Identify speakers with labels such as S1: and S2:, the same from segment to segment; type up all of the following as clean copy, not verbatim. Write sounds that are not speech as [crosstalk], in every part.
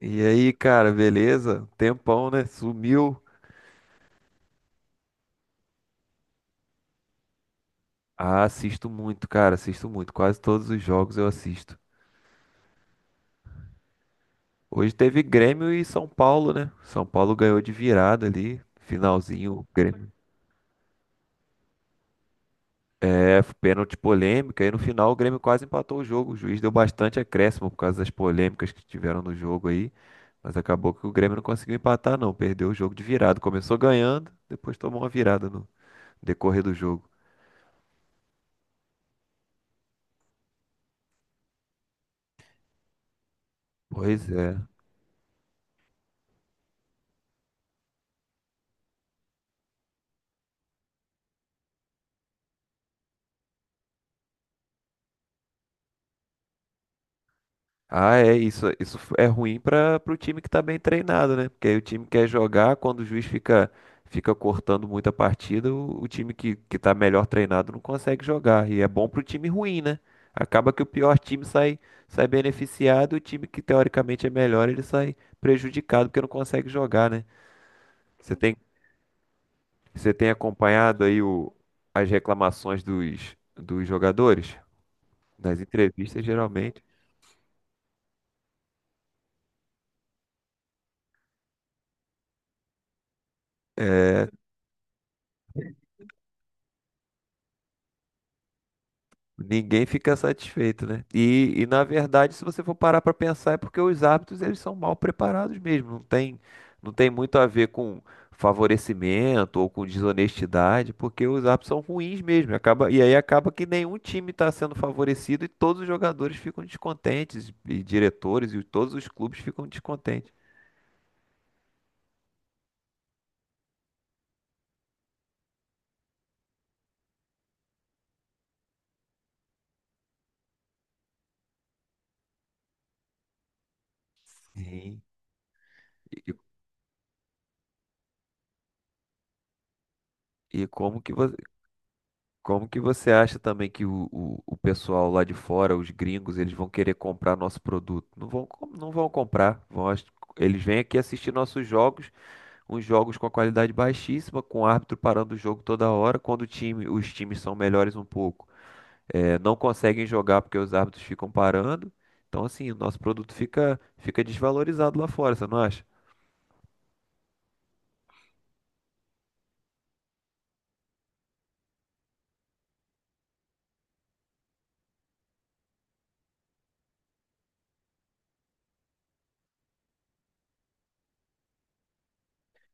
S1: E aí, cara, beleza? Tempão, né? Sumiu. Ah, assisto muito, cara, assisto muito. Quase todos os jogos eu assisto. Hoje teve Grêmio e São Paulo, né? São Paulo ganhou de virada ali, finalzinho. O Grêmio. É, pênalti polêmica. E no final o Grêmio quase empatou o jogo. O juiz deu bastante acréscimo por causa das polêmicas que tiveram no jogo aí. Mas acabou que o Grêmio não conseguiu empatar, não. Perdeu o jogo de virada. Começou ganhando, depois tomou uma virada no decorrer do jogo. Pois é. Ah, é, isso é ruim para o time que tá bem treinado, né? Porque aí o time quer jogar, quando o juiz fica, fica cortando muita partida, o time que tá melhor treinado não consegue jogar. E é bom pro time ruim, né? Acaba que o pior time sai, sai beneficiado e o time que teoricamente é melhor, ele sai prejudicado porque não consegue jogar, né? Você tem, você tem acompanhado aí o, as reclamações dos jogadores? Nas entrevistas, geralmente. É. Ninguém fica satisfeito, né? E na verdade, se você for parar para pensar, é porque os árbitros eles são mal preparados mesmo. Não tem, não tem muito a ver com favorecimento ou com desonestidade, porque os árbitros são ruins mesmo. Acaba, e aí acaba que nenhum time está sendo favorecido e todos os jogadores ficam descontentes, e diretores e todos os clubes ficam descontentes. Sim. E, e como que. Como que você acha também que o pessoal lá de fora, os gringos, eles vão querer comprar nosso produto? Não vão, com- não vão comprar. Vão, ach- eles vêm aqui assistir nossos jogos, uns jogos com a qualidade baixíssima, com o árbitro parando o jogo toda hora, quando o time, os times são melhores um pouco. Não conseguem jogar porque os árbitros ficam parando. Então, assim, o nosso produto fica, fica desvalorizado lá fora, você não acha?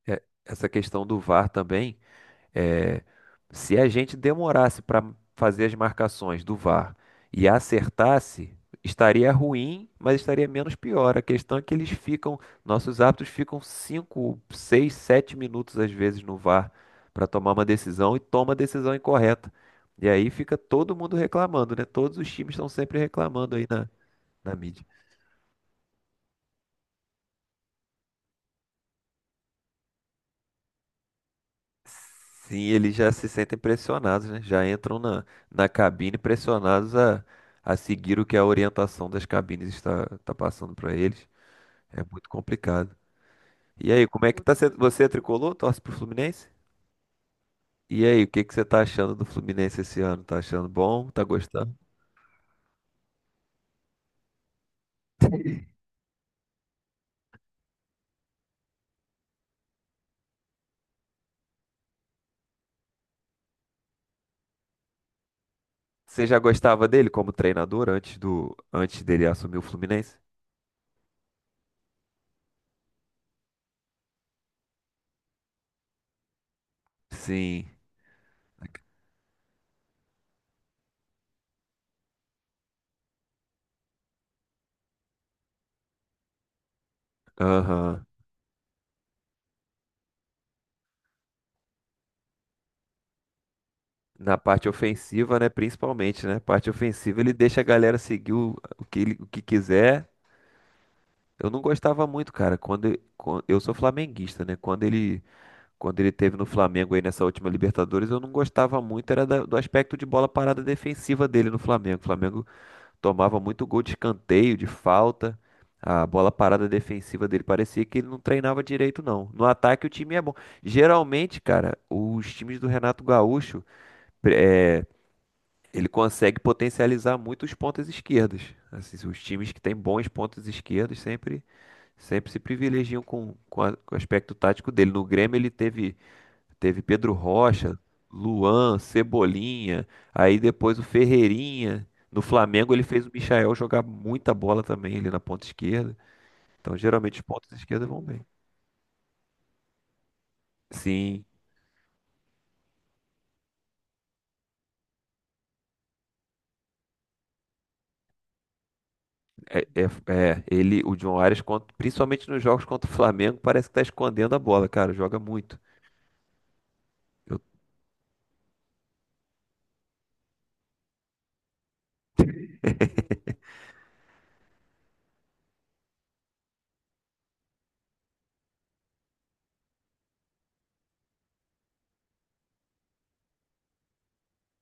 S1: É, essa questão do VAR também. É, se a gente demorasse para fazer as marcações do VAR e acertasse, estaria ruim, mas estaria menos pior. A questão é que eles ficam, nossos árbitros ficam 5, 6, 7 minutos às vezes no VAR para tomar uma decisão e toma a decisão incorreta. E aí fica todo mundo reclamando, né? Todos os times estão sempre reclamando aí na, na mídia. Sim, eles já se sentem pressionados, né? Já entram na, na cabine pressionados a seguir o que a orientação das cabines está, está passando para eles. É muito complicado. E aí, como é que tá sendo? Você é tricolor? Torce pro Fluminense? E aí, o que que você tá achando do Fluminense esse ano? Tá achando bom? Tá gostando? Você já gostava dele como treinador antes do, antes dele assumir o Fluminense? Sim. Aham. Na parte ofensiva, né? Principalmente, né? Parte ofensiva, ele deixa a galera seguir o que, ele- o que quiser. Eu não gostava muito, cara. Quando, quando eu sou flamenguista, né? Quando ele teve no Flamengo aí nessa última Libertadores, eu não gostava muito, era da- do aspecto de bola parada defensiva dele no Flamengo. O Flamengo tomava muito gol de escanteio, de falta. A bola parada defensiva dele parecia que ele não treinava direito, não. No ataque, o time é bom. Geralmente, cara, os times do Renato Gaúcho. Ele consegue potencializar muito os pontas esquerdas. Assim, os times que têm bons pontas esquerdas sempre, sempre se privilegiam com, a- com o aspecto tático dele. No Grêmio ele teve, teve Pedro Rocha, Luan, Cebolinha, aí depois o Ferreirinha. No Flamengo ele fez o Michael jogar muita bola também ali na ponta esquerda. Então geralmente os pontas esquerdas vão bem. Sim, é, é- é, ele, o John Arias, contra- principalmente nos jogos contra o Flamengo, parece que tá escondendo a bola, cara, joga muito. Eu. [laughs]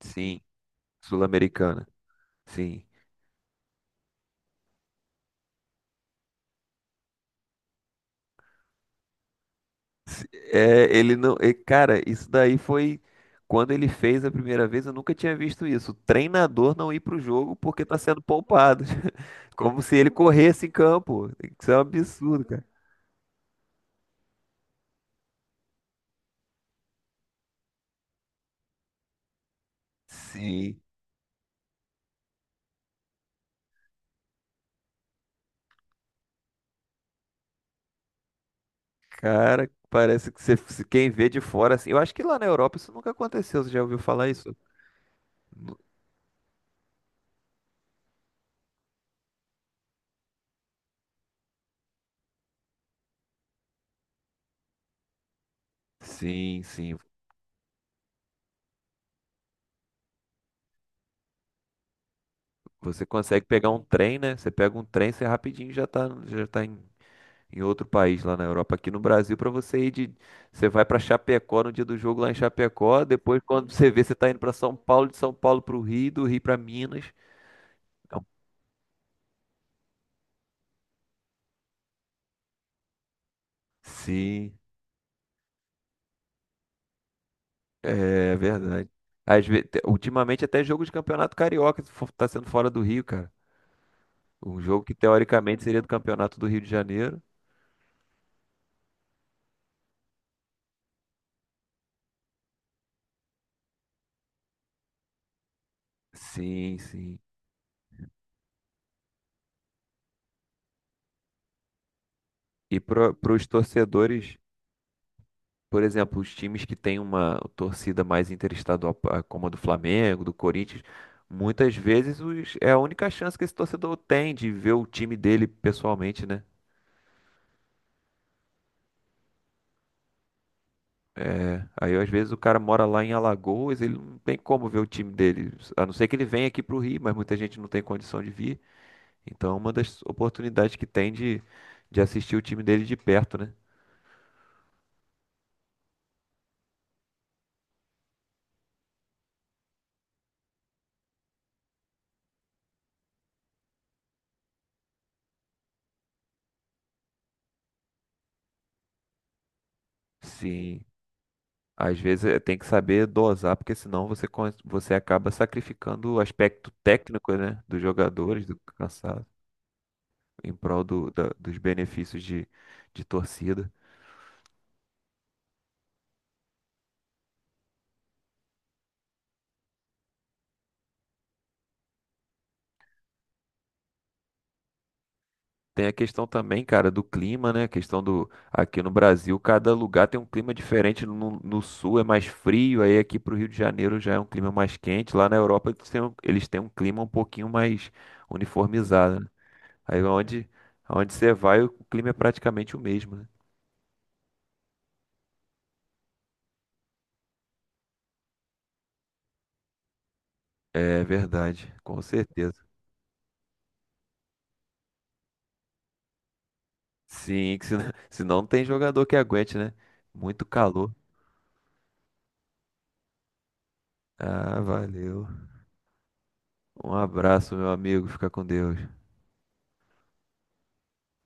S1: Sim, sul-americana. Sim. Se- é, ele não. É, cara, isso daí foi. Quando ele fez a primeira vez, eu nunca tinha visto isso. O treinador não ir pro jogo porque tá sendo poupado. [laughs] Como se ele corresse em campo. Isso é um absurdo, cara. Sim, cara, parece que você, se quem vê de fora assim. Eu acho que lá na Europa isso nunca aconteceu. Você já ouviu falar isso? Sim, sim. Você consegue pegar um trem, né? Você pega um trem, você rapidinho já tá em em outro país lá na Europa. Aqui no Brasil, para você ir de. Você vai para Chapecó no dia do jogo lá em Chapecó. Depois, quando você vê, você tá indo para São Paulo, de São Paulo para o Rio, do Rio para Minas. Então, sim, é verdade. Às ve- te- ultimamente, até jogo de campeonato carioca fo- tá sendo fora do Rio, cara. Um jogo que teoricamente seria do campeonato do Rio de Janeiro. Sim, sim. E para os torcedores. Por exemplo, os times que têm uma torcida mais interestadual, pa- como a do Flamengo, do Corinthians, muitas vezes os- é a única chance que esse torcedor tem de ver o time dele pessoalmente, né? Aí, às vezes, o cara mora lá em Alagoas, ele não tem como ver o time dele, a não ser que ele venha aqui para o Rio, mas muita gente não tem condição de vir. Então, é uma das oportunidades que tem de assistir o time dele de perto, né? Sim. Às vezes tem que saber dosar, porque senão você, con- você acaba sacrificando o aspecto técnico, né, dos jogadores, do cansado, em prol do, da- dos benefícios de torcida. Tem a questão também, cara, do clima, né? A questão do. Aqui no Brasil, cada lugar tem um clima diferente. No, no sul é mais frio, aí aqui pro Rio de Janeiro já é um clima mais quente. Lá na Europa eles têm um clima um pouquinho mais uniformizado, né? Aí onde, onde você vai, o clima é praticamente o mesmo, né? É verdade, com certeza. Sim, que se. [laughs] Se não tem jogador que aguente, né? Muito calor. Ah, valeu. Um abraço, meu amigo. Fica com Deus.